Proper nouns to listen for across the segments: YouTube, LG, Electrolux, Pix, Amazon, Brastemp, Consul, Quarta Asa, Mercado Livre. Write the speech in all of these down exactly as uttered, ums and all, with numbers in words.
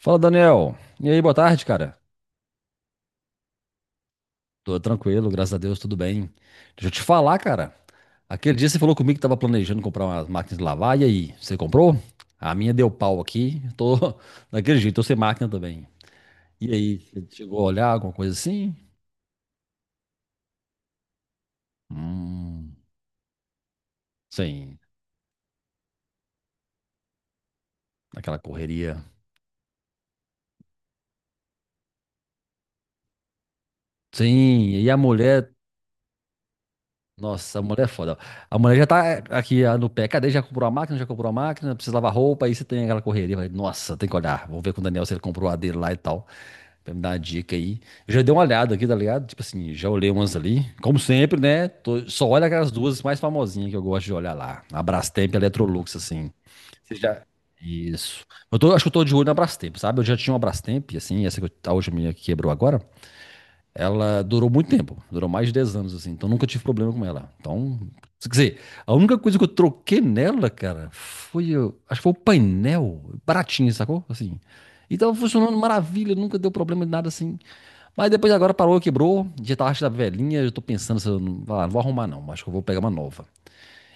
Fala, Daniel. E aí, boa tarde, cara. Tô tranquilo, graças a Deus, tudo bem. Deixa eu te falar, cara. Aquele dia você falou comigo que tava planejando comprar umas máquinas de lavar, e aí, você comprou? A minha deu pau aqui, tô daquele jeito, tô sem máquina também. E aí, você chegou a olhar alguma coisa assim? Hum, sim, naquela correria. Sim, e a mulher, nossa, a mulher é foda. A mulher já tá aqui ah, no pé, cadê? Já comprou a máquina, já comprou a máquina, precisa lavar roupa, aí você tem aquela correria. Eu falei, nossa, tem que olhar, vou ver com o Daniel se ele comprou a dele lá e tal. Pra me dar uma dica aí. Eu já dei uma olhada aqui, tá ligado? Tipo assim, já olhei umas ali. Como sempre, né? Tô- só olha aquelas duas mais famosinhas que eu gosto de olhar lá. A Brastemp e a Electrolux, assim. Você já... Isso. Eu tô- acho que eu tô de olho na Brastemp, sabe? Eu já tinha uma Brastemp, assim, essa que eu- a última minha que quebrou agora. Ela durou muito tempo, durou mais de dez anos, assim, então nunca tive problema com ela. Então, quer dizer, a única coisa que eu troquei nela, cara, foi, o- acho que foi o painel, baratinho, sacou? Assim, e tava funcionando maravilha, nunca deu problema de nada assim. Mas depois agora parou, quebrou, já tá acho da velhinha, eu tô pensando se eu não, ah, não vou arrumar não, acho que eu vou pegar uma nova.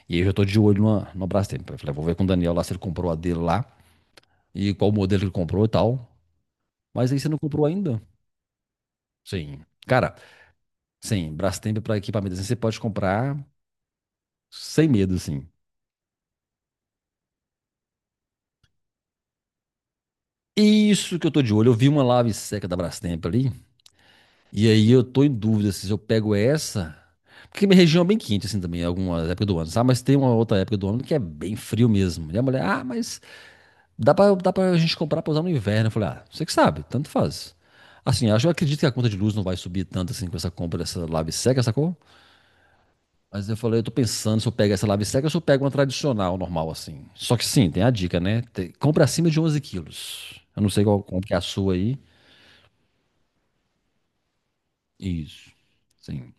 E aí eu já tô de olho numa, numa Brastemp. Eu falei, "Ah, vou ver com o Daniel lá se ele comprou a dele lá e qual modelo ele comprou e tal." Mas aí você não comprou ainda? Sim. Cara, sim, Brastemp para equipamentos assim, você pode comprar sem medo, assim. Isso que eu tô de olho. Eu vi uma lave seca da Brastemp ali, e aí eu tô em dúvida assim, se eu pego essa. Porque minha região é bem quente, assim, também, em algumas épocas do ano, sabe? Mas tem uma outra época do ano que é bem frio mesmo. E a mulher, ah, mas dá pra, dá pra gente comprar pra usar no inverno. Eu falei, ah, você que sabe, tanto faz. Assim, acho, eu acredito que a conta de luz não vai subir tanto assim com essa compra dessa lave seca, sacou? Mas eu falei, eu tô pensando se eu pego essa lave seca ou se eu pego uma tradicional, normal, assim. Só que sim, tem a dica, né? Te- compra acima de onze quilos. Eu não sei qual, quanto que é a sua aí. Isso. Sim,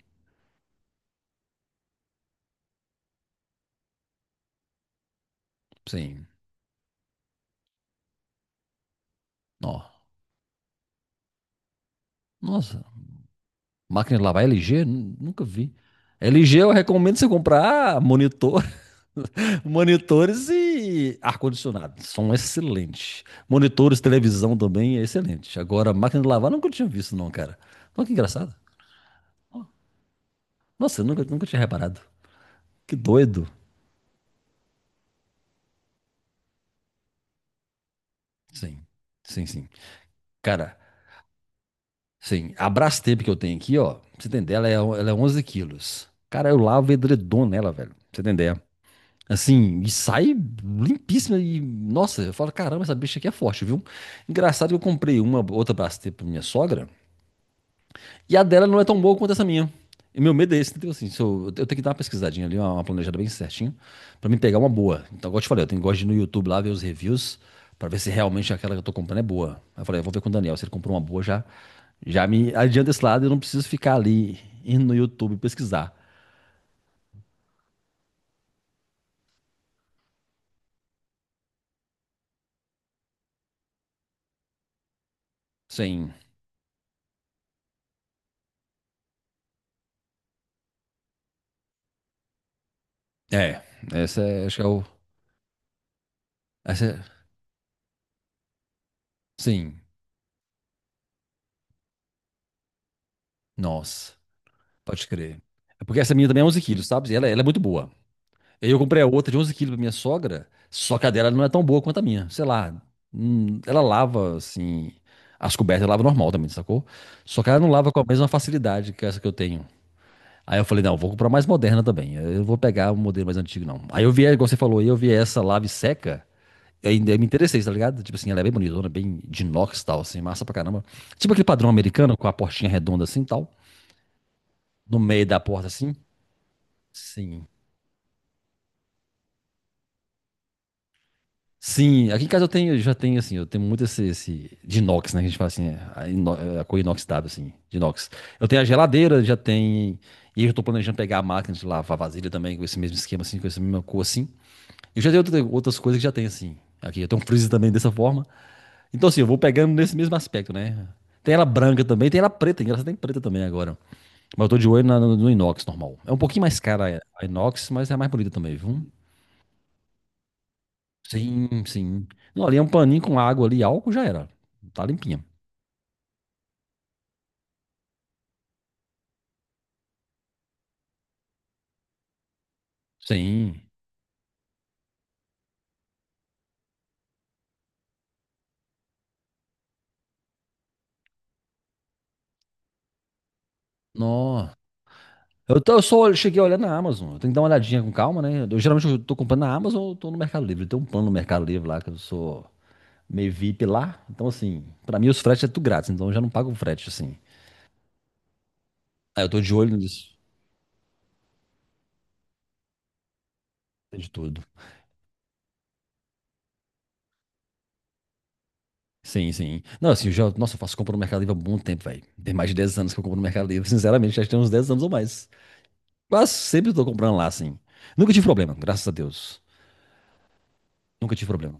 sim. Ó. Nossa, máquina de lavar L G? Nu- Nunca vi. L G eu recomendo você comprar monitor, monitores e ar-condicionado. São excelentes. Monitores, televisão também é excelente. Agora, máquina de lavar nunca tinha visto, não, cara. Olha que engraçado. Ó, nossa, eu nunca, nunca tinha reparado. Que doido. Sim, sim, sim. Cara, sim. A Brastemp que eu tenho aqui, ó, pra você entender, ela é, ela é onze quilos. Cara, eu lavo edredom nela, velho. Pra você entender. Assim, e sai limpíssima. E, nossa, eu falo, caramba, essa bicha aqui é forte, viu? Engraçado que eu comprei uma outra Brastemp pra minha sogra. E a dela não é tão boa quanto essa minha. E meu medo é esse, entendeu? Assim, se eu, eu tenho que dar uma pesquisadinha ali, uma, uma planejada bem certinho, pra me pegar uma boa. Então, igual eu te falei, eu tenho, gosto de ir no YouTube lá ver os reviews, pra ver se realmente aquela que eu tô comprando é boa. Aí eu falei, eu vou ver com o Daniel, se ele comprou uma boa, já, já me adianta esse lado, eu não preciso ficar ali indo no YouTube pesquisar. Sim. É, essa é, acho que é o. Essa é, sim. Nossa, pode crer. É porque essa minha também é onze quilos, sabe? E ela, ela é muito boa. Aí eu comprei a outra de onze quilos pra minha sogra, só que a dela não é tão boa quanto a minha, sei lá. hum, Ela lava, assim, as cobertas, ela lava normal também, sacou? Só que ela não lava com a mesma facilidade que essa que eu tenho. Aí eu falei, não, vou comprar mais moderna também. Eu não vou pegar um modelo mais antigo, não. Aí eu vi, igual você falou, aí eu vi essa lave seca, e ainda me interessei, tá ligado? Tipo assim, ela é bem bonitona, bem de inox e tal, assim, massa pra caramba. Tipo aquele padrão americano, com a portinha redonda assim e tal, no meio da porta assim. Sim. Sim, aqui em casa eu tenho, eu já tenho assim, eu tenho muito esse, esse de inox, né? Que a gente fala assim, é, a, ino, a cor inoxidável, assim, de inox. Eu tenho a geladeira, já tem. E eu já tô planejando pegar a máquina de lavar vasilha também, com esse mesmo esquema, assim, com essa mesma cor, assim. Eu já tenho outra- outras coisas que já tem, assim. Aqui, eu tenho um freezer também dessa forma. Então, assim, eu vou pegando nesse mesmo aspecto, né? Tem ela branca também, tem ela preta, engraçado, tem preta também agora. Mas eu tô de olho na- no, no inox normal. É um pouquinho mais cara a a inox, mas é mais bonita também, viu? Sim, sim. Não, ali é um paninho com água ali, álcool já era. Tá limpinha. Sim. Nó. Eu, tô- eu só cheguei a olhar na Amazon. Eu tenho que dar uma olhadinha com calma, né? Eu, geralmente eu tô comprando na Amazon ou tô no Mercado Livre. Tem um plano no Mercado Livre lá que eu sou meio V I P lá. Então, assim, pra mim os fretes é tudo grátis, então eu já não pago o frete, assim. Aí eu tô de olho nisso, tem de tudo. Sim, sim. Não, assim, eu já, nossa, eu faço compra no Mercado Livre há muito tempo, velho. Tem mais de dez anos que eu compro no Mercado Livre, sinceramente, já tem uns dez anos ou mais. Quase sempre tô comprando lá, assim. Nunca tive problema, graças a Deus. Nunca tive problema.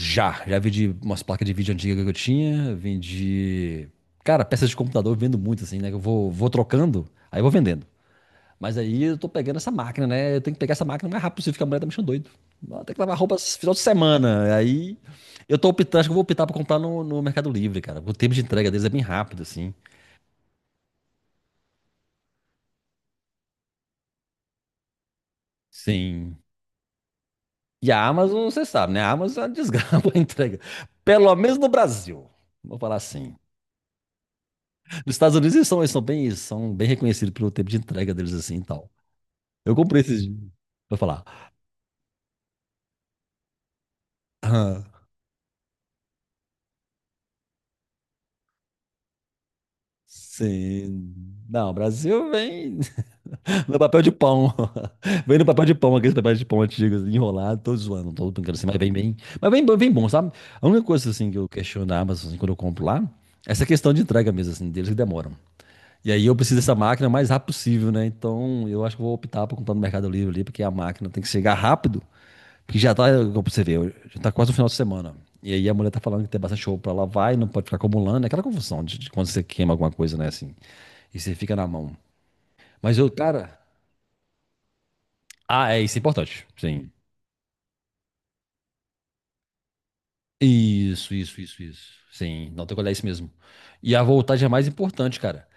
Já, já vendi umas placas de vídeo antigas que eu tinha, vendi. Cara, peças de computador eu vendo muito, assim, né? Eu vou, vou trocando, aí eu vou vendendo. Mas aí eu tô pegando essa máquina, né? Eu tenho que pegar essa máquina o mais rápido possível, porque a mulher tá me deixando doido. Ela tem que lavar roupa esse final de semana. Aí eu tô optando, acho que eu vou optar pra comprar no, no Mercado Livre, cara. O tempo de entrega deles é bem rápido, assim. Sim. E a Amazon, você sabe, né? A Amazon é uma desgraça a entrega. Pelo menos no Brasil. Vou falar assim. Nos Estados Unidos eles são, eles são bem, são bem reconhecidos pelo tempo de entrega deles assim e tal. Eu comprei esses dias. Vou falar. Ah, sim. Não, Brasil vem no papel de pão. Vem no papel de pão, aqueles papéis de pão antigos, enrolado, todos zoando, todo brincando assim, mas vem bem. Mas vem, bem bom, sabe? A única coisa assim que eu questiono na Amazon assim, quando eu compro lá, é essa questão de entrega mesmo, assim, deles que demoram. E aí eu preciso dessa máquina o mais rápido possível, né? Então eu acho que eu vou optar por comprar no Mercado Livre ali, porque a máquina tem que chegar rápido. Que já tá, como você vê, já tá quase no final de semana. E aí a mulher tá falando que tem bastante show pra lá, vai, não pode ficar acumulando. É aquela confusão de, de quando você queima alguma coisa, né, assim. E você fica na mão. Mas eu, cara. Ah, é, isso é importante. Sim. Isso, isso, isso, isso. Sim, não tem que olhar isso mesmo. E a voltagem é mais importante, cara.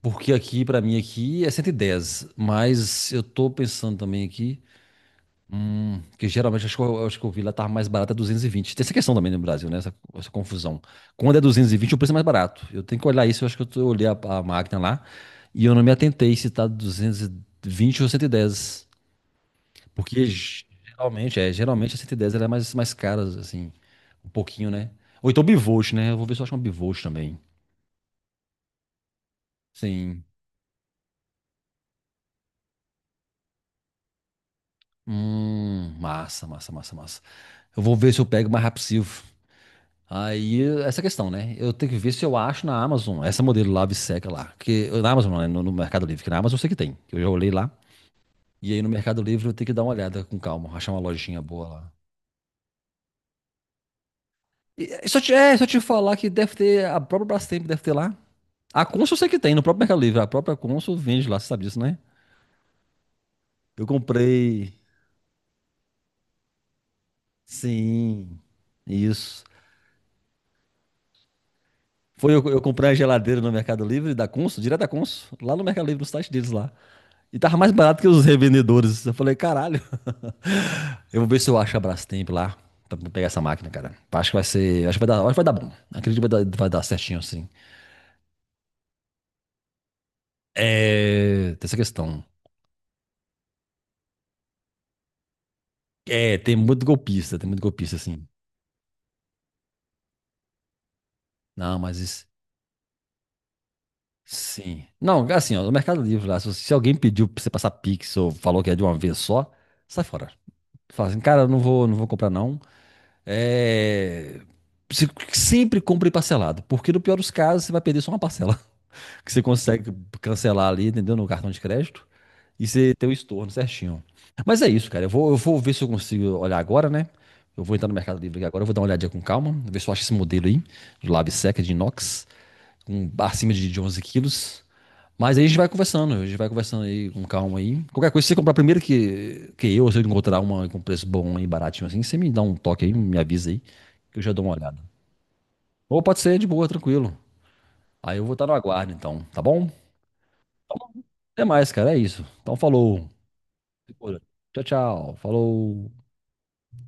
Porque aqui, pra mim, aqui é cento e dez. Mas eu tô pensando também aqui. Hum, que geralmente acho que eu, acho que eu vi lá tava mais barato é duzentos e vinte. Tem essa questão também no Brasil, né? Essa, essa confusão. Quando é duzentos e vinte, o preço é mais barato. Eu tenho que olhar isso, eu acho que eu, tô- eu olhei a, a máquina lá e eu não me atentei se tá duzentos e vinte ou cento e dez. Porque geralmente, é, geralmente a cento e dez ela é mais, mais cara, assim, um pouquinho, né? Ou então bivolt, né? Eu vou ver se eu acho uma bivolt também. Sim. Hum, massa, massa, massa, massa. Eu vou ver se eu pego mais rápido possível. Aí, essa questão, né? Eu tenho que ver se eu acho na Amazon essa modelo lá, Biseca lá. Que, na Amazon, não, né? No, no Mercado Livre, que na Amazon eu sei que tem, que eu já olhei lá. E aí no Mercado Livre eu tenho que dar uma olhada com calma, achar uma lojinha boa lá. E, e só te, é, só te falar que deve ter, a própria Brastemp deve ter lá. A Consul eu sei que tem, no próprio Mercado Livre. A própria Consul vende lá, você sabe disso, né? Eu comprei. Sim, isso. Foi eu, eu comprei a geladeira no Mercado Livre da Consul, direto da Consul, lá no Mercado Livre, no site deles lá. E tava mais barato que os revendedores. Eu falei, caralho. Eu vou ver se eu acho a Brastemp lá pra pegar essa máquina, cara. Acho que vai ser. Acho que vai dar, acho que vai dar bom. Acredito que vai dar, vai dar certinho, assim. É. Tem essa questão. É, tem muito golpista, tem muito golpista, assim. Não, mas isso. Sim. Não, assim, ó, no Mercado Livre lá, se, se alguém pediu pra você passar Pix ou falou que é de uma vez só, sai fora. Fala assim, cara, eu não vou, não vou comprar, não. É. se- Sempre compre parcelado, porque no pior dos casos você vai perder só uma parcela. Que você consegue cancelar ali, entendeu? No cartão de crédito. E você tem o estorno certinho. Mas é isso, cara. Eu vou, eu vou ver se eu consigo olhar agora, né? Eu vou entrar no Mercado Livre aqui agora, eu vou dar uma olhadinha com calma, ver se eu acho esse modelo aí, do Lab Seca de inox, com acima de de onze quilos. Mas aí a gente vai conversando, a gente vai conversando aí com calma aí. Qualquer coisa, se você comprar primeiro que, que eu, se eu encontrar uma com preço bom aí, baratinho assim, você me dá um toque aí, me avisa aí, que eu já dou uma olhada. Ou pode ser de boa, tranquilo. Aí eu vou estar no aguardo então, tá bom? Até mais, cara. É isso. Então, falou. Tchau, tchau. Falou.